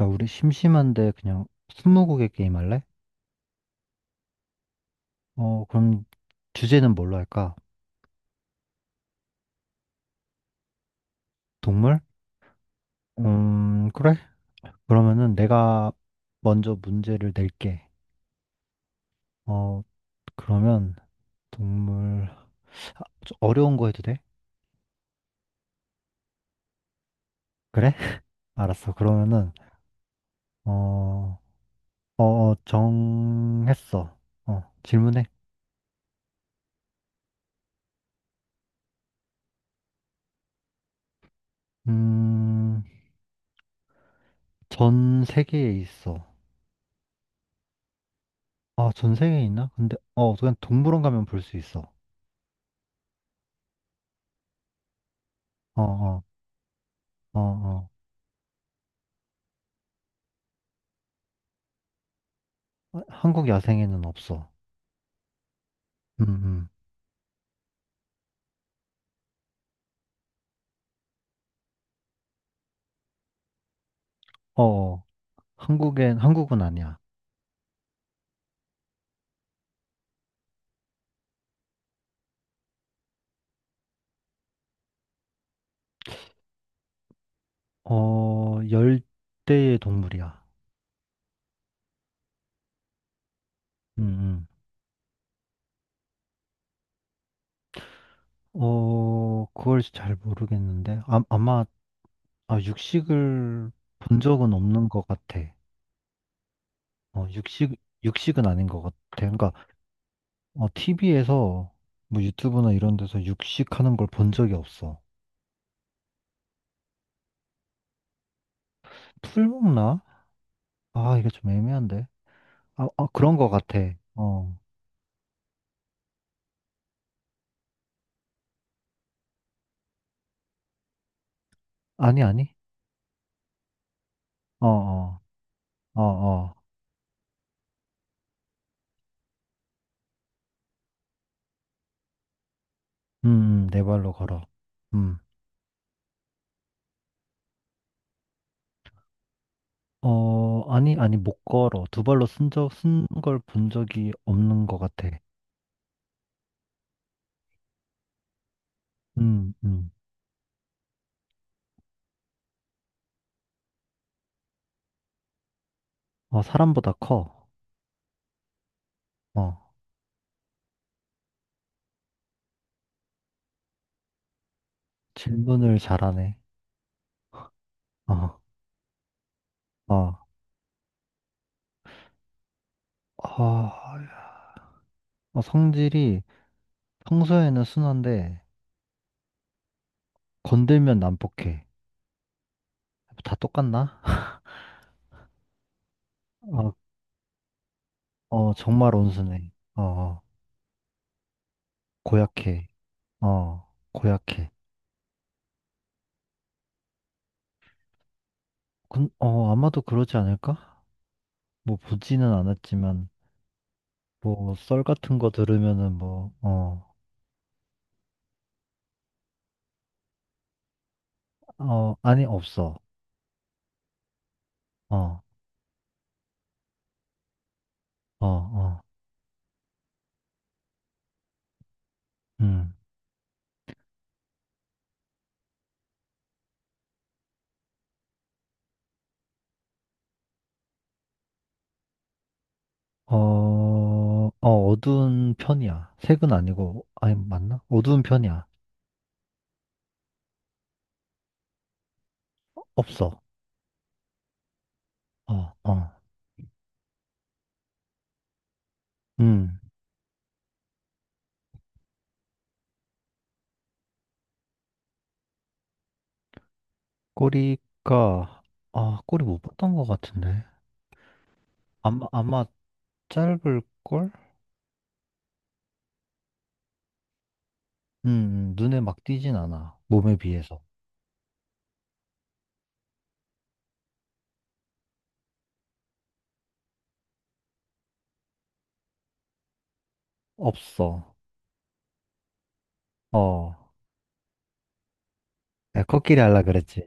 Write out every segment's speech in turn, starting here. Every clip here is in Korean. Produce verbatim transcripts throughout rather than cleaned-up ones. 야, 우리 심심한데 그냥 스무고개 게임 할래? 어, 그럼 주제는 뭘로 할까? 동물? 음, 그래? 그러면은 내가 먼저 문제를 낼게. 어, 그러면 동물 좀 어려운 거 해도 돼? 그래? 알았어. 그러면은 어, 어, 어, 정했어. 어, 질문해. 음, 전 세계에 있어. 아, 전 세계에 있나? 근데 어, 그냥 동물원 가면 볼 수 있어. 어, 어, 어, 어. 아, 한국 야생에는 없어. 음, 음. 어, 어. 한국엔, 한국은 아니야. 어, 열대의 동물이야. 음, 음. 어, 그걸 잘 모르겠는데. 아, 아마, 아, 육식을 본 적은 없는 것 같아. 어, 육식, 육식은 아닌 것 같아. 그러니까, 어, 티비에서, 뭐 유튜브나 이런 데서 육식하는 걸 본 적이 없어. 풀 먹나? 아, 이게 좀 애매한데. 아, 아, 그런 것 같아. 어. 아니, 아니. 어, 어, 어, 어. 음, 네 발로 걸어. 음. 어, 아니, 아니, 못 걸어. 두 발로 쓴 적, 쓴 걸 본 적이 없는 것 같아. 음, 음. 어, 사람보다 커. 어, 질문을 잘하네. 어, 어, 어, 어, 성질이 평소에는 순한데, 건들면 난폭해. 다 똑같나? 어, 어, 정말 온순해. 어, 어, 고약해. 어, 고약해. 근, 어, 아마도 그러지 않을까? 뭐, 보지는 않았지만, 뭐, 썰 같은 거 들으면은 뭐, 어, 어, 아니, 없어. 어, 어, 어, 음. 어, 어, 어두운 편이야. 색은 아니고, 아니, 맞나? 어두운 편이야. 없어. 어, 어, 음. 꼬리가, 아, 꼬리 못 봤던 것 같은데. 아마, 아마 짧을걸? 음, 음, 눈에 막 띄진 않아. 몸에 비해서. 없어. 어, 야, 코끼리 할라 그랬지.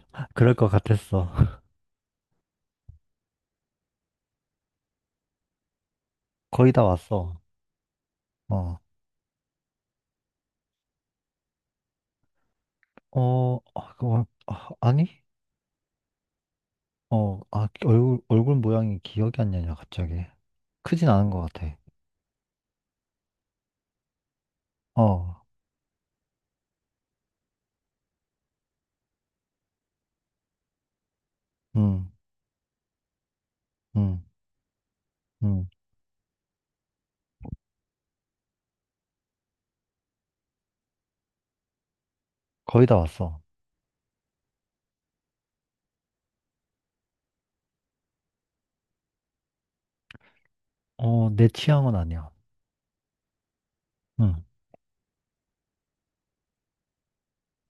그럴 것 같았어. 거의 다 왔어. 어. 어, 아, 그, 어, 아, 아니? 어, 아, 얼굴, 얼굴 모양이 기억이 안 나냐, 갑자기. 크진 않은 것 같아. 어, 음, 음, 음. 거의 다 왔어. 어, 내 취향은 아니야. 음.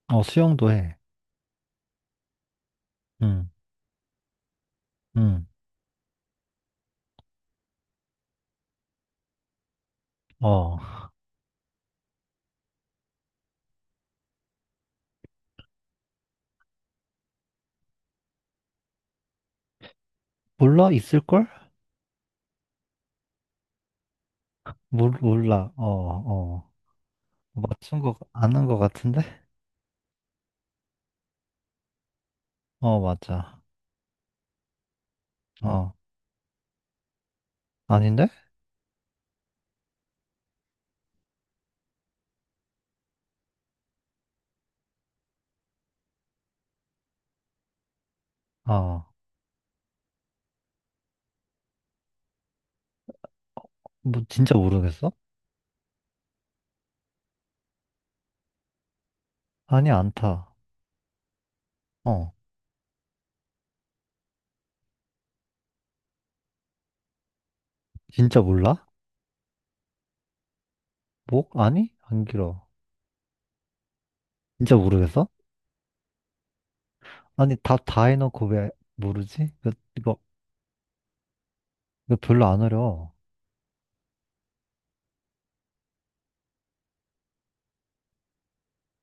어, 수영도 해. 음, 음. 어, 몰라? 있을걸? 몰, 몰라. 어, 어. 맞춘 거, 아는 거 같은데? 어, 맞아. 어, 아닌데? 어, 뭐, 진짜 모르겠어? 아니, 안 타. 어, 진짜 몰라? 목? 아니? 안 길어. 진짜 모르겠어? 아니, 답 다 해놓고 왜 모르지? 이거, 이거, 이거 별로 안 어려워.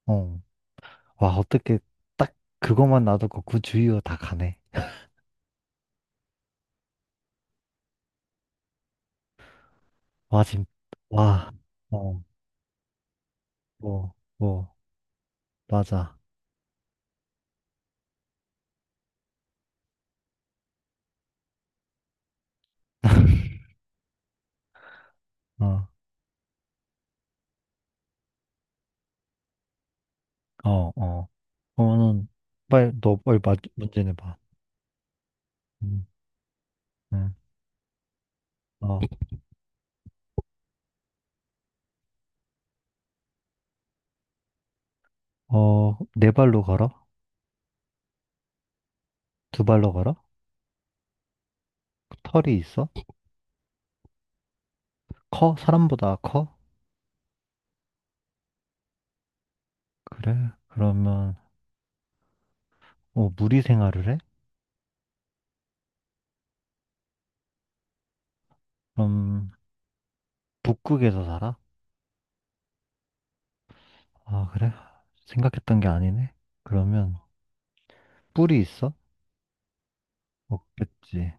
어. 와, 어떻게 딱 그것만 놔두고 그 주위로 다 가네. 와, 지금, 와, 어, 뭐, 뭐, 맞아. 어, 어, 어. 그러면은, 빨리, 너 빨리 맞, 문제 내봐. 응, 응. 어, 어, 네 발로 걸어? 두 발로 걸어? 털이 있어? 커? 사람보다 커? 그래? 그러면, 어, 무리 생활을 해? 그럼, 북극에서 살아? 아, 그래? 생각했던 게 아니네? 그러면 뿔이 있어? 없겠지.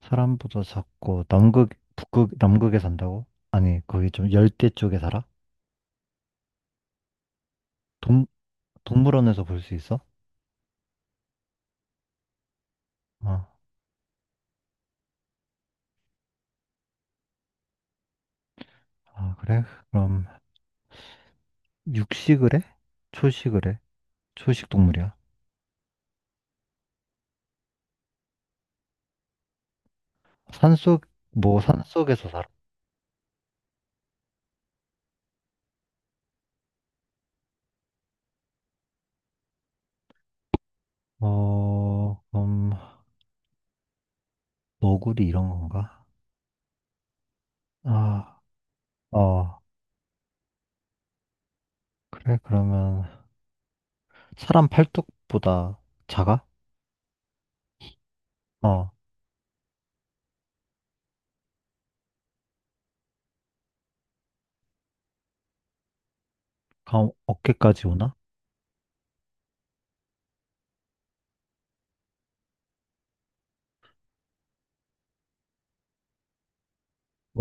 사람보다 작고 남극, 북극, 남극에 산다고? 아니, 거기 좀 열대 쪽에 살아? 동, 동물원에서 볼 수 있어? 아, 아, 그래? 그럼 육식을 해? 초식을 해? 초식 동물이야. 산속, 뭐 산속에서 살아? 어, 그럼 너구리 이런 건가? 아, 어, 그래? 그러면 사람 팔뚝보다 작아? 어. 아, 어깨까지 오나?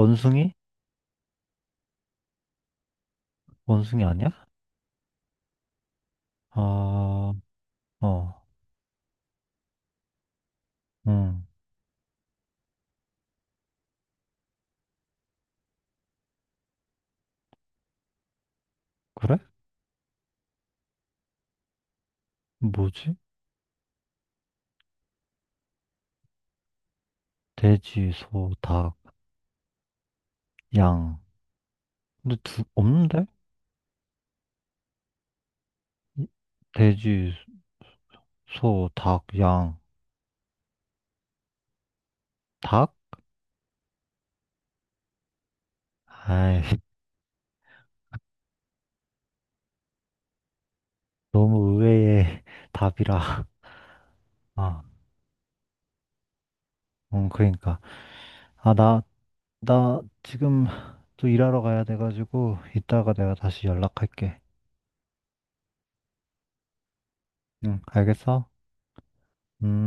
원숭이? 원숭이 아니야? 아, 어, 응, 그래? 뭐지? 돼지, 소, 닭, 양. 근데 두, 없는데? 이- 돼지, 소, 닭, 양. 닭? 아이, 너무 의외의 답이라. 아, 응, 그러니까. 아, 나, 나 지금 또 일하러 가야 돼가지고, 이따가 내가 다시 연락할게. 응, 알겠어? 음.